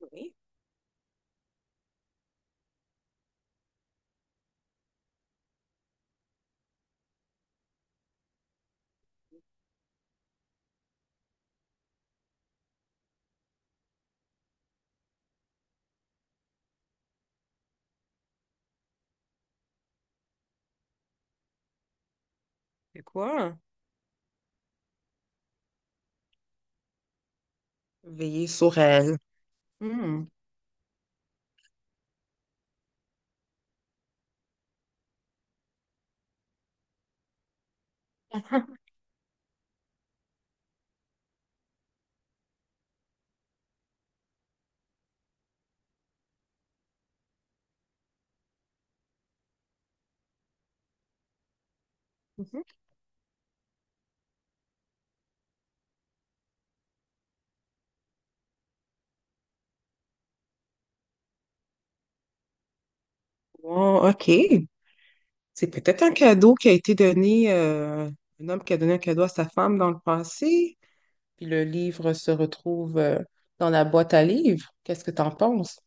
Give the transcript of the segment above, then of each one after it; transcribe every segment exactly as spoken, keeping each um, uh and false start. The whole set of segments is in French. Oui, c'est quoi? Veiller sur elle. Hmm. Mhm. Bon, OK. C'est peut-être un cadeau qui a été donné, euh, un homme qui a donné un cadeau à sa femme dans le passé. Puis le livre se retrouve euh, dans la boîte à livres. Qu'est-ce que t'en penses?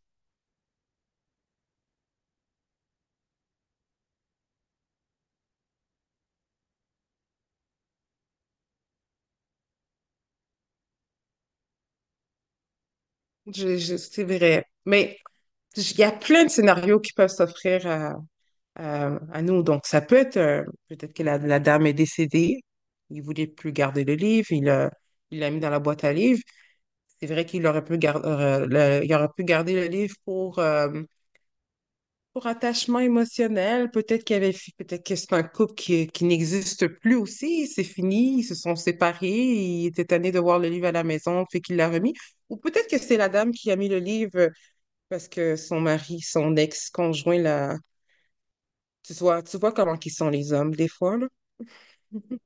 Je- je- c'est vrai. Mais il y a plein de scénarios qui peuvent s'offrir à, à- à nous. Donc, ça peut être, euh, peut-être que la, la dame est décédée. Il voulait plus garder le livre. Il l'a il l'a mis dans la boîte à livres. C'est vrai qu'il aurait pu garder, le, il aurait pu garder le livre pour, euh, pour attachement émotionnel. Peut-être qu'il y avait, peut-être que c'est un couple qui, qui n'existe plus aussi. C'est fini, ils se sont séparés. Il était tanné de voir le livre à la maison, fait qu'il l'a remis. Ou peut-être que c'est la dame qui a mis le livre parce que son mari, son ex-conjoint là. Tu vois, tu vois comment qu'ils sont les hommes des fois, là.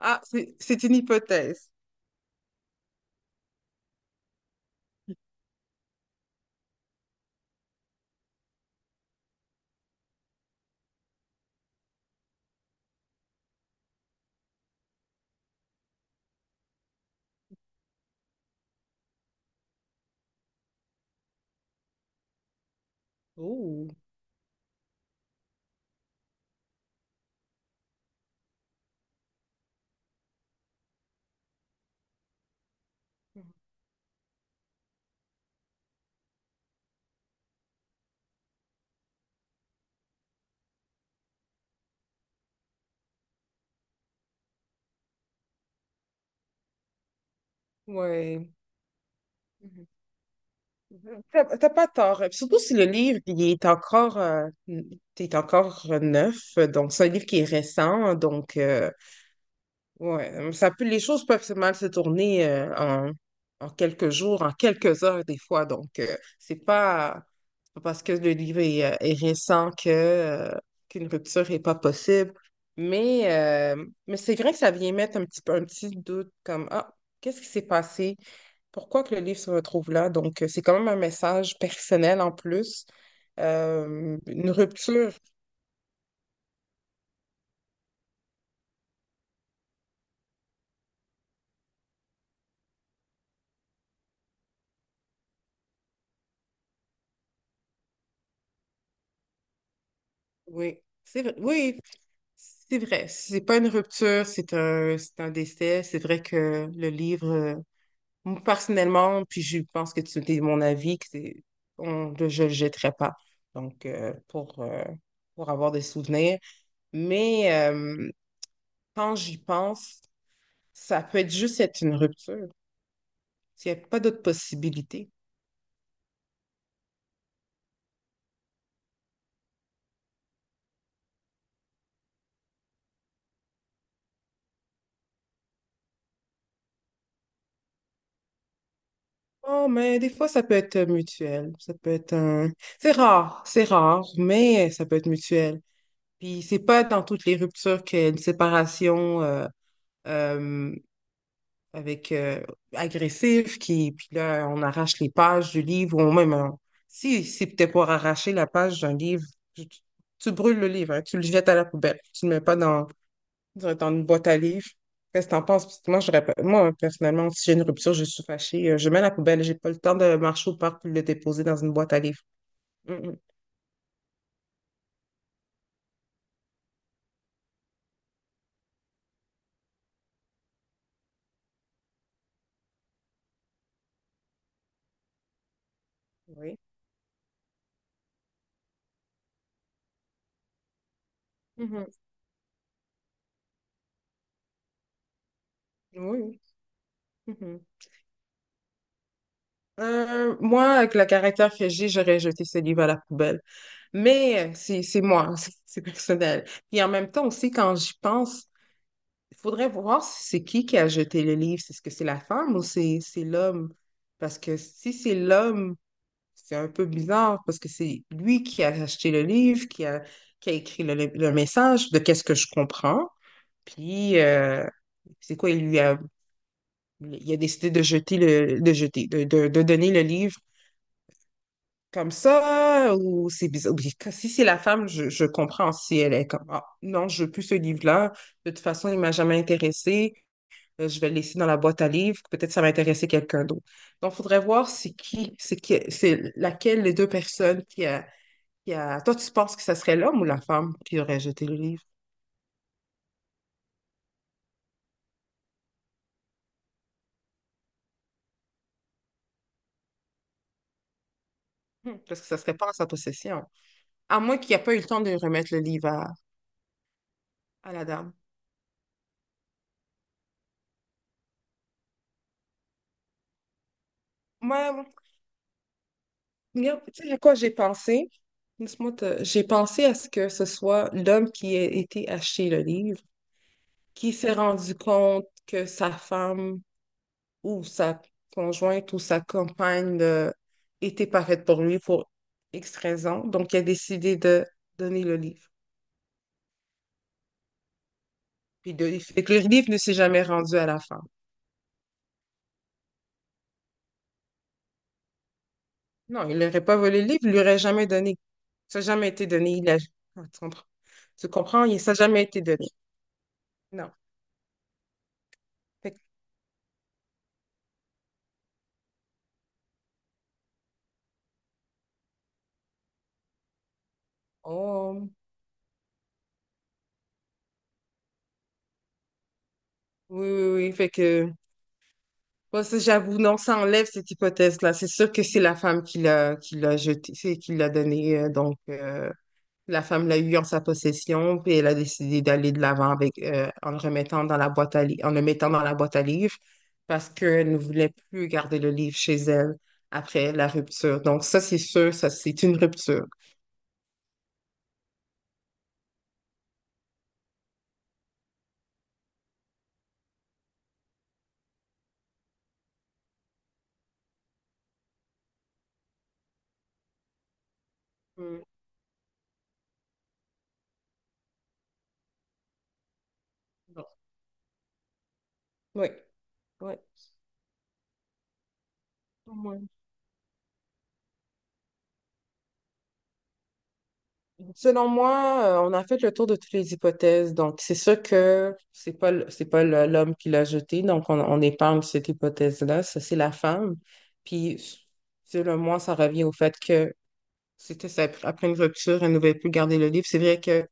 Ah, c'est c'est une hypothèse. Oh. Ouais. Mhm. T'as t'as pas tort. Surtout si le livre, il est encore, euh, il est encore neuf. Donc, c'est un livre qui est récent. Donc, euh, ouais, euh, ça peut, les choses peuvent se- mal se tourner euh, en, en quelques jours, en quelques heures des fois. Donc, euh, c'est pas, c'est pas parce que le livre est, euh, est récent que, euh, qu'une rupture n'est pas possible. Mais, euh, mais c'est vrai que ça vient mettre un petit, peu- un petit doute comme, ah, qu'est-ce qui s'est passé? Pourquoi que le livre se retrouve là? Donc, euh, c'est quand même un message personnel en plus. Euh, une rupture, oui. C'est vrai. Oui, c'est vrai, c'est pas une rupture, c'est un, c'est un décès. C'est vrai que le livre, euh, moi, personnellement, puis je pense que tu es mon avis, que c'est, on, je le jetterai pas. Donc, euh, pour, euh, pour avoir des souvenirs. Mais euh, quand j'y pense, ça peut être juste être une rupture. Il n'y a pas d'autre possibilité. Oh, mais des fois, ça peut être mutuel. Ça peut être un... C'est rare, c'est rare, mais ça peut être mutuel. Puis c'est pas dans toutes les ruptures qu'il y a une séparation euh, euh, avec euh, agressif qui puis là on arrache les pages du livre ou même on- si c'est peut-être pour arracher la page d'un livre, tu, tu- tu brûles le livre, hein, tu le jettes à la poubelle, tu le mets pas dans, dans dans une boîte à livres. Qu'est-ce que t'en penses? Parce que moi, j'aurais pas- moi, personnellement, si j'ai une rupture, je suis fâchée, euh, je mets à la poubelle, j'ai pas le temps de marcher au parc pour le déposer dans une boîte à livres. Mm, mm. Oui. Mhm. Oui, oui. Mhm. Euh, moi, avec le caractère que j'ai, j'aurais jeté ce livre à la poubelle. Mais euh, c'est c'est moi, c'est c'est personnel. Et en même temps aussi, quand j'y pense, il faudrait voir si c'est qui qui a jeté le livre. C'est ce que c'est la femme ou c'est c'est l'homme? Parce que si c'est l'homme, c'est un peu bizarre parce que c'est lui qui a acheté le livre, qui a, qui a écrit le, le message de qu'est-ce que je comprends. Puis, euh, c'est quoi, il lui a, il a décidé de jeter le, de jeter, de, de, de donner le livre comme ça, ou c'est bizarre. Ou si c'est la femme, je, je comprends si elle est comme, ah, non, je veux plus ce livre-là. De toute façon, il m'a jamais intéressé. Euh, Je vais le laisser dans la boîte à livres. Peut-être ça va intéresser quelqu'un d'autre. Donc, il faudrait voir c'est qui, c'est qui, c'est laquelle des deux personnes qui a puis, euh, toi, tu penses que ce serait l'homme ou la femme qui aurait jeté le livre? Hmm, parce que ça serait pas en sa possession. À moins qu'il n'y ait pas eu le temps de remettre le livre à, à la dame. Moi, regarde, tu sais à quoi j'ai pensé? Laisse-moi te- j'ai pensé à ce que ce soit l'homme qui ait été acheter le livre, qui s'est rendu compte que sa femme ou sa conjointe ou sa compagne euh, était pas faite pour lui pour X raison. Donc, il a décidé de donner le livre. Puis de... Fait que le livre ne s'est jamais rendu à la femme. Non, il n'aurait pas volé le livre, il lui aurait jamais donné. Ça n'a jamais été donné. Il a... Ah, tu comprends? Tu comprends? Il- ça n'a jamais été donné. Non. Fait que- oh, oui, oui, oui. Fait que, moi, ça, j'avoue, non, ça enlève cette hypothèse-là. C'est sûr que c'est la femme qui l'a, qui l'a jeté, c'est qui l'a donné. euh, donc, euh, la femme l'a eu en sa possession, puis elle a décidé d'aller de l'avant avec euh, en le remettant dans la boîte à li- en le mettant dans la boîte à livres parce qu'elle ne voulait plus garder le livre chez elle après la rupture. Donc ça, c'est sûr, ça c'est une rupture. Mm. Bon. Oui, oui. Ouais. Selon moi, euh, on a fait le tour de toutes les hypothèses. Donc, c'est sûr que c'est pas le- c'est pas le- l'homme qui l'a jeté. Donc, on, on épargne cette hypothèse-là. Ça, c'est la femme. Puis, selon moi, ça revient au fait que c'était ça. Après une rupture, elle ne voulait plus garder le livre. C'est vrai qu'on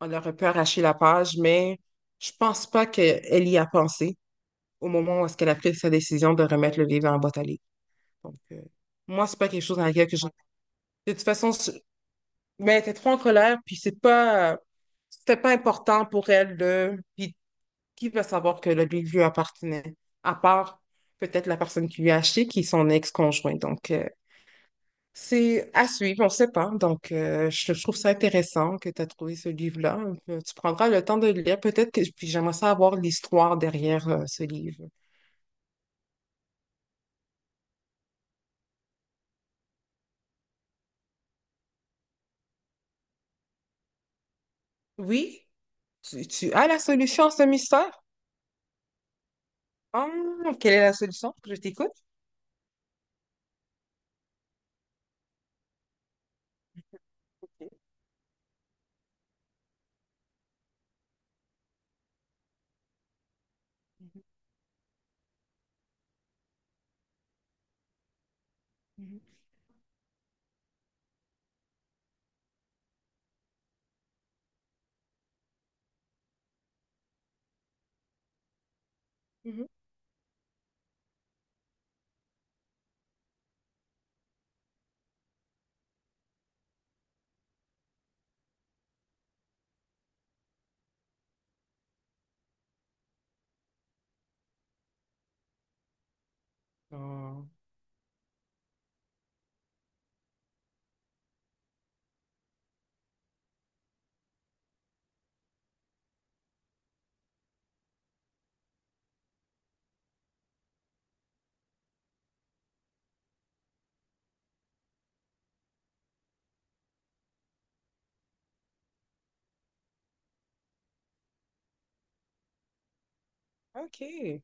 aurait pu arracher la page, mais je pense pas qu'elle y a pensé au moment où est-ce qu'elle a pris sa décision de remettre le livre dans la boîte à livres. Donc, euh, moi, c'est pas quelque chose dans laquelle que je... De toute façon, je- mais elle était trop en colère, puis c'est pas... euh, c'était pas important pour elle de... Puis qui va savoir que le livre lui appartenait, à part peut-être la personne qui lui a acheté, qui est son ex-conjoint. Donc, euh, c'est à suivre, on ne sait pas. Donc, euh, je, je trouve ça intéressant que tu as trouvé ce livre-là. Euh, Tu prendras le temps de le lire. Peut-être que puis j'aimerais savoir l'histoire derrière euh, ce livre. Oui, tu, tu as la solution à ce mystère? Ah, quelle est la solution? Je t'écoute. Mhm, mhm. Mhm. Ah, OK.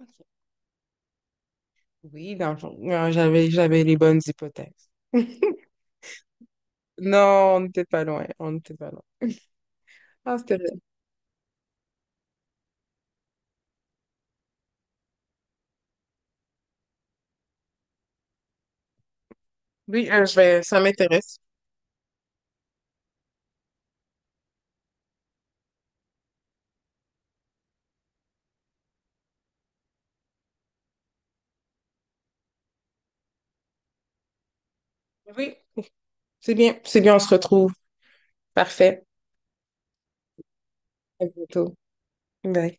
OK. Oui, dans le fond, non, j'avais, j'avais les bonnes hypothèses. Non, on n'était pas loin. On n'était pas loin. Ah, c'était bien. Oui, euh, je vais- ça m'intéresse. Oui, c'est bien. C'est bien, on se retrouve. Parfait. À bientôt. Bye.